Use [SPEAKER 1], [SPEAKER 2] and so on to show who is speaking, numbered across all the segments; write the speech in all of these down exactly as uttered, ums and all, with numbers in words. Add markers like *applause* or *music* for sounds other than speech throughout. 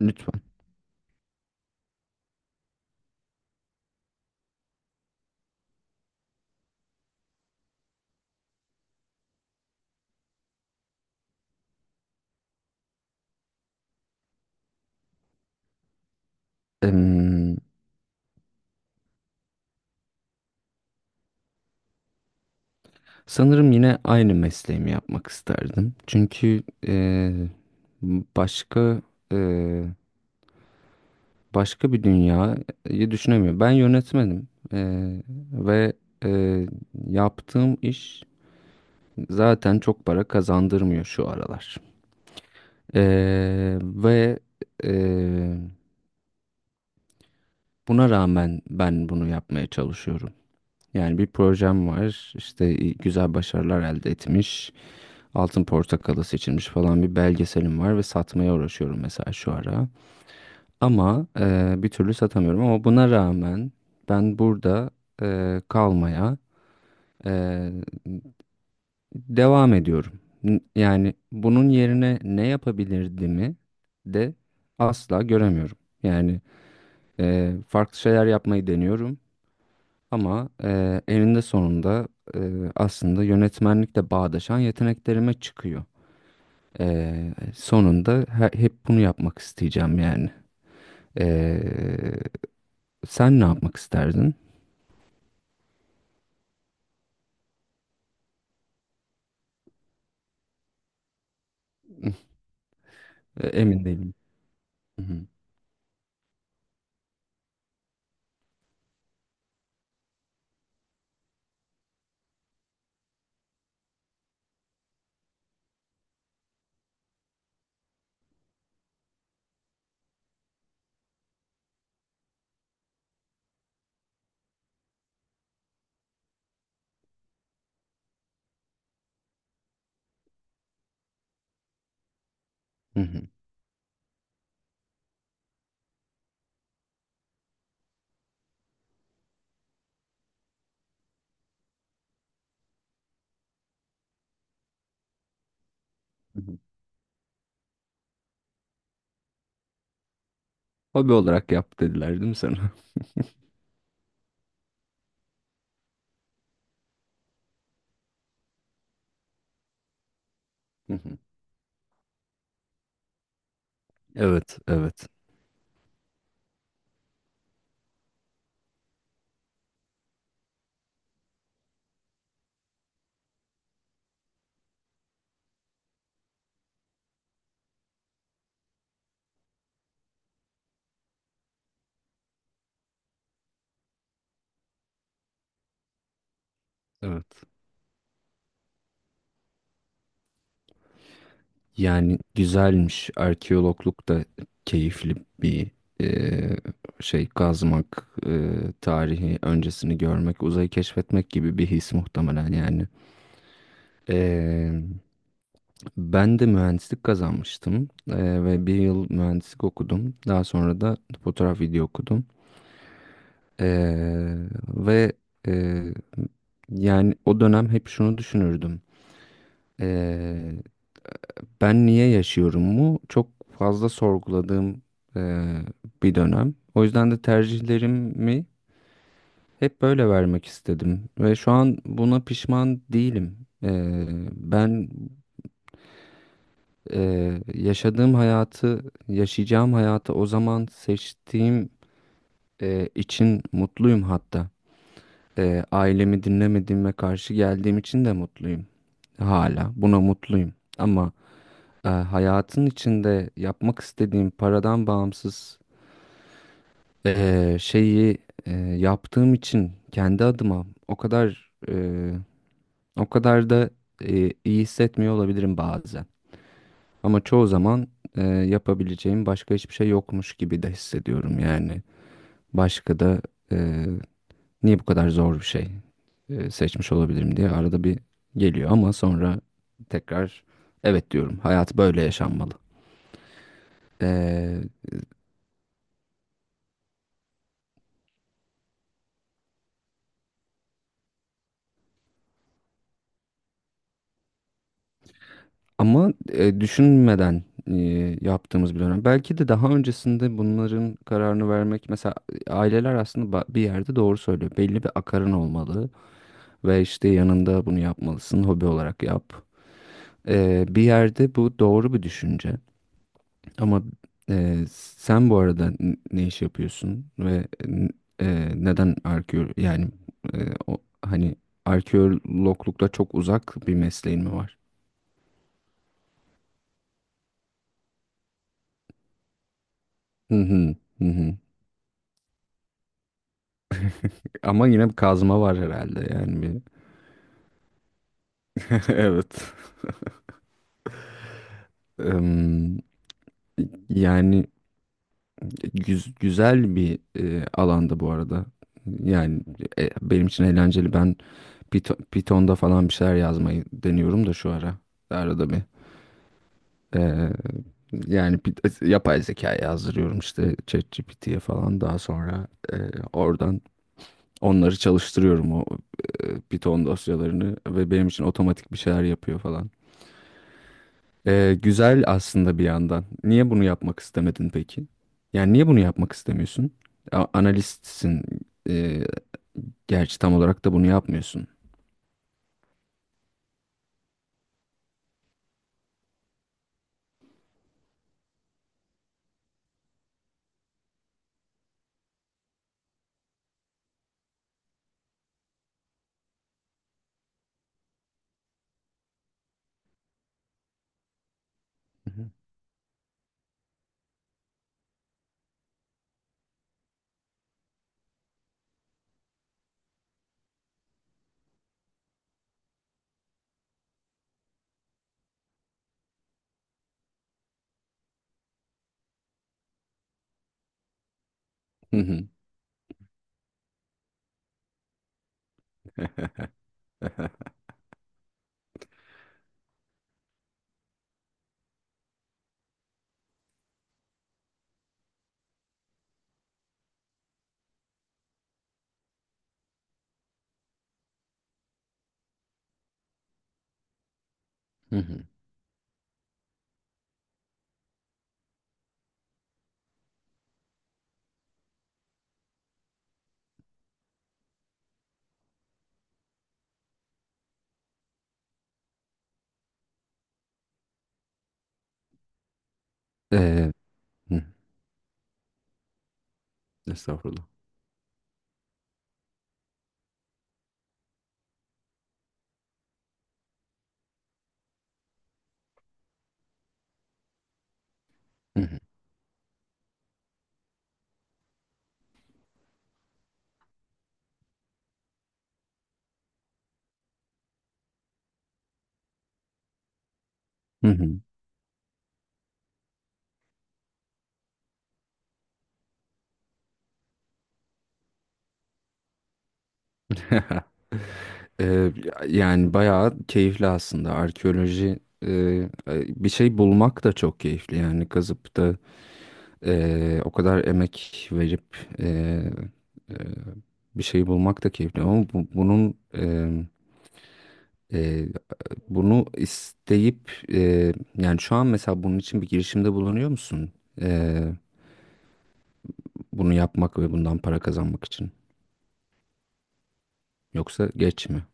[SPEAKER 1] Lütfen. Em, Sanırım yine aynı mesleğimi yapmak isterdim. Çünkü e, başka e, başka bir dünyayı düşünemiyorum. Ben yönetmenim. E, ve e, yaptığım iş zaten çok para kazandırmıyor şu aralar. E, ve e, Buna rağmen ben bunu yapmaya çalışıyorum. Yani bir projem var, işte güzel başarılar elde etmiş. Altın Portakalı seçilmiş falan bir belgeselim var ve satmaya uğraşıyorum mesela şu ara. Ama e, bir türlü satamıyorum ama buna rağmen ben burada e, kalmaya e, devam ediyorum. N- Yani bunun yerine ne yapabilirdimi de asla göremiyorum. Yani e, farklı şeyler yapmayı deniyorum ama e, eninde sonunda e, aslında yönetmenlikle bağdaşan yeteneklerime çıkıyor. Ee, sonunda he- hep bunu yapmak isteyeceğim yani. Ee, Sen ne yapmak isterdin? *laughs* Ee, Emin değilim. Hı hı, hı hı, hı hı. Hobi olarak yap dediler değil mi sana? *laughs* Hı hı. Evet, evet, evet. Yani güzelmiş. Arkeologluk da keyifli bir e, şey, kazmak, e, tarihi öncesini görmek, uzayı keşfetmek gibi bir his muhtemelen yani. E, Ben de mühendislik kazanmıştım. Eee, ve bir yıl mühendislik okudum. Daha sonra da fotoğraf video okudum. Eee, ve eee, yani o dönem hep şunu düşünürdüm. Eee, Ben niye yaşıyorum mu? Çok fazla sorguladığım eee, bir dönem. O yüzden de tercihlerimi hep böyle vermek istedim. Ve şu an buna pişman değilim. Eee, ben Eee, yaşadığım hayatı, yaşayacağım hayatı o zaman seçtiğim eee, için mutluyum hatta. Eee, ailemi dinlemediğime karşı geldiğim için de mutluyum. Hala buna mutluyum. Ama eee, hayatın içinde yapmak istediğim paradan bağımsız eee, şeyi eee, yaptığım için kendi adıma o kadar eee, o kadar da eee, iyi hissetmiyor olabilirim bazen. Ama çoğu zaman e, yapabileceğim başka hiçbir şey yokmuş gibi de hissediyorum yani. Başka da e, niye bu kadar zor bir şey e, seçmiş olabilirim diye arada bir geliyor ama sonra tekrar evet diyorum. Hayat böyle yaşanmalı. E, ama e, Düşünmeden e, yaptığımız bir dönem. Belki de daha öncesinde bunların kararını vermek, mesela aileler aslında ba- bir yerde doğru söylüyor. Belli bir akarın olmalı ve işte yanında bunu yapmalısın. Hobi olarak yap. Ee, bir yerde bu doğru bir düşünce ama e, sen bu arada n- ne iş yapıyorsun ve n- e, neden arkeolog yani, e, o, hani arkeologlukla çok uzak bir mesleğin mi var? Hı hı, hı hı. Ama yine bir kazma var herhalde yani, bir. *laughs* Evet. Em, Yani güz- güzel bir e, alanda bu arada. Yani e, benim için eğlenceli. Ben Python- Python'da falan bir şeyler yazmayı deniyorum da şu ara. Arada bir. Ee, Yani bir- yapay zeka yazdırıyorum işte ChatGPT'ye falan. Daha sonra e, oradan onları çalıştırıyorum, o e, Python dosyalarını, ve benim için otomatik bir şeyler yapıyor falan. Ee, güzel aslında bir yandan. Niye bunu yapmak istemedin peki? Yani niye bunu yapmak istemiyorsun? A- analistsin. Ee, Gerçi tam olarak da bunu yapmıyorsun. Hı hı. Hı hı. *laughs* Hı hı. Ee, Hı hı. Estağfurullah. Hı hı. Hı hı. *laughs* Eee, Yani bayağı keyifli aslında arkeoloji. Eee, bir şey bulmak da çok keyifli, yani kazıp da eee, o kadar emek verip eee, eee, bir şey bulmak da keyifli ama bu- bunun eee, eee, bunu isteyip eee, yani şu an mesela bunun için bir girişimde bulunuyor musun? Eee, Bunu yapmak ve bundan para kazanmak için, yoksa geç mi?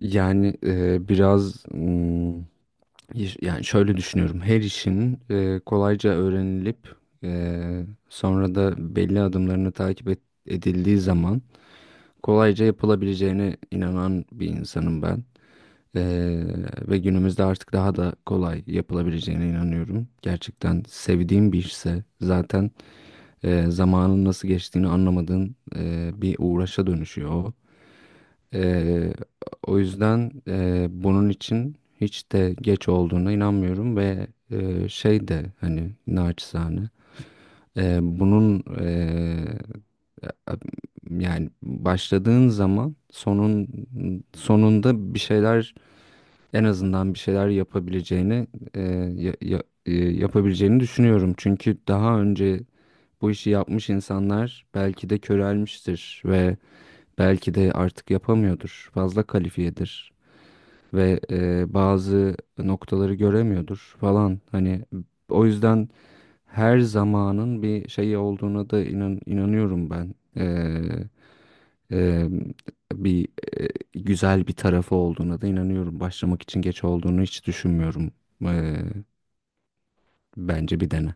[SPEAKER 1] Yani e, biraz, mm, iş- yani şöyle düşünüyorum. Her işin e, kolayca öğrenilip e, sonra da belli adımlarını takip et- edildiği zaman kolayca yapılabileceğine inanan bir insanım ben. E, ve günümüzde artık daha da kolay yapılabileceğine inanıyorum. Gerçekten sevdiğim bir işse zaten e, zamanın nasıl geçtiğini anlamadığın e, bir uğraşa dönüşüyor o. Eee, O yüzden eee, bunun için hiç de geç olduğuna inanmıyorum ve eee, şey de, hani, naçizane eee, bunun eee, yani başladığın zaman sonun sonunda bir şeyler, en azından bir şeyler yapabileceğini eee, ya- ya- eee, yapabileceğini düşünüyorum. Çünkü daha önce bu işi yapmış insanlar belki de körelmiştir ve belki de artık yapamıyordur. Fazla kalifiyedir ve e, bazı noktaları göremiyordur falan. Hani o yüzden her zamanın bir şeyi olduğuna da inan, inanıyorum ben. E, e, bir e, Güzel bir tarafı olduğuna da inanıyorum. Başlamak için geç olduğunu hiç düşünmüyorum. E, Bence bir dene.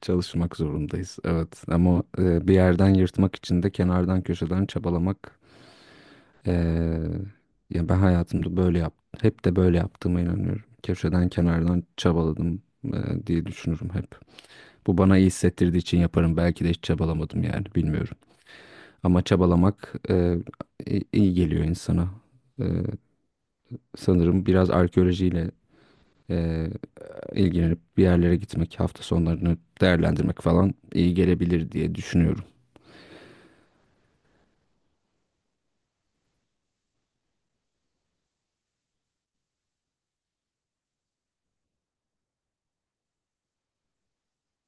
[SPEAKER 1] Çalışmak zorundayız. Evet, ama e, bir yerden yırtmak için de kenardan köşeden çabalamak. Ee, Ya, ben hayatımda böyle yaptım. Hep de böyle yaptığıma inanıyorum. Köşeden kenardan çabaladım e, diye düşünürüm hep. Bu bana iyi hissettirdiği için yaparım. Belki de hiç çabalamadım yani, bilmiyorum. Ama çabalamak e, i- iyi geliyor insana. E, Sanırım biraz arkeolojiyle e, ilgilenip bir yerlere gitmek, hafta sonlarını değerlendirmek falan iyi gelebilir diye düşünüyorum.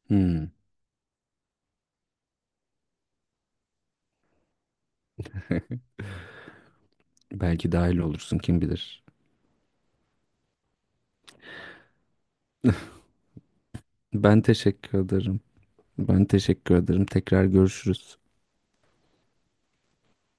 [SPEAKER 1] Hmm. *laughs* Belki dahil olursun, kim bilir. Ben teşekkür ederim. Ben teşekkür ederim. Tekrar görüşürüz.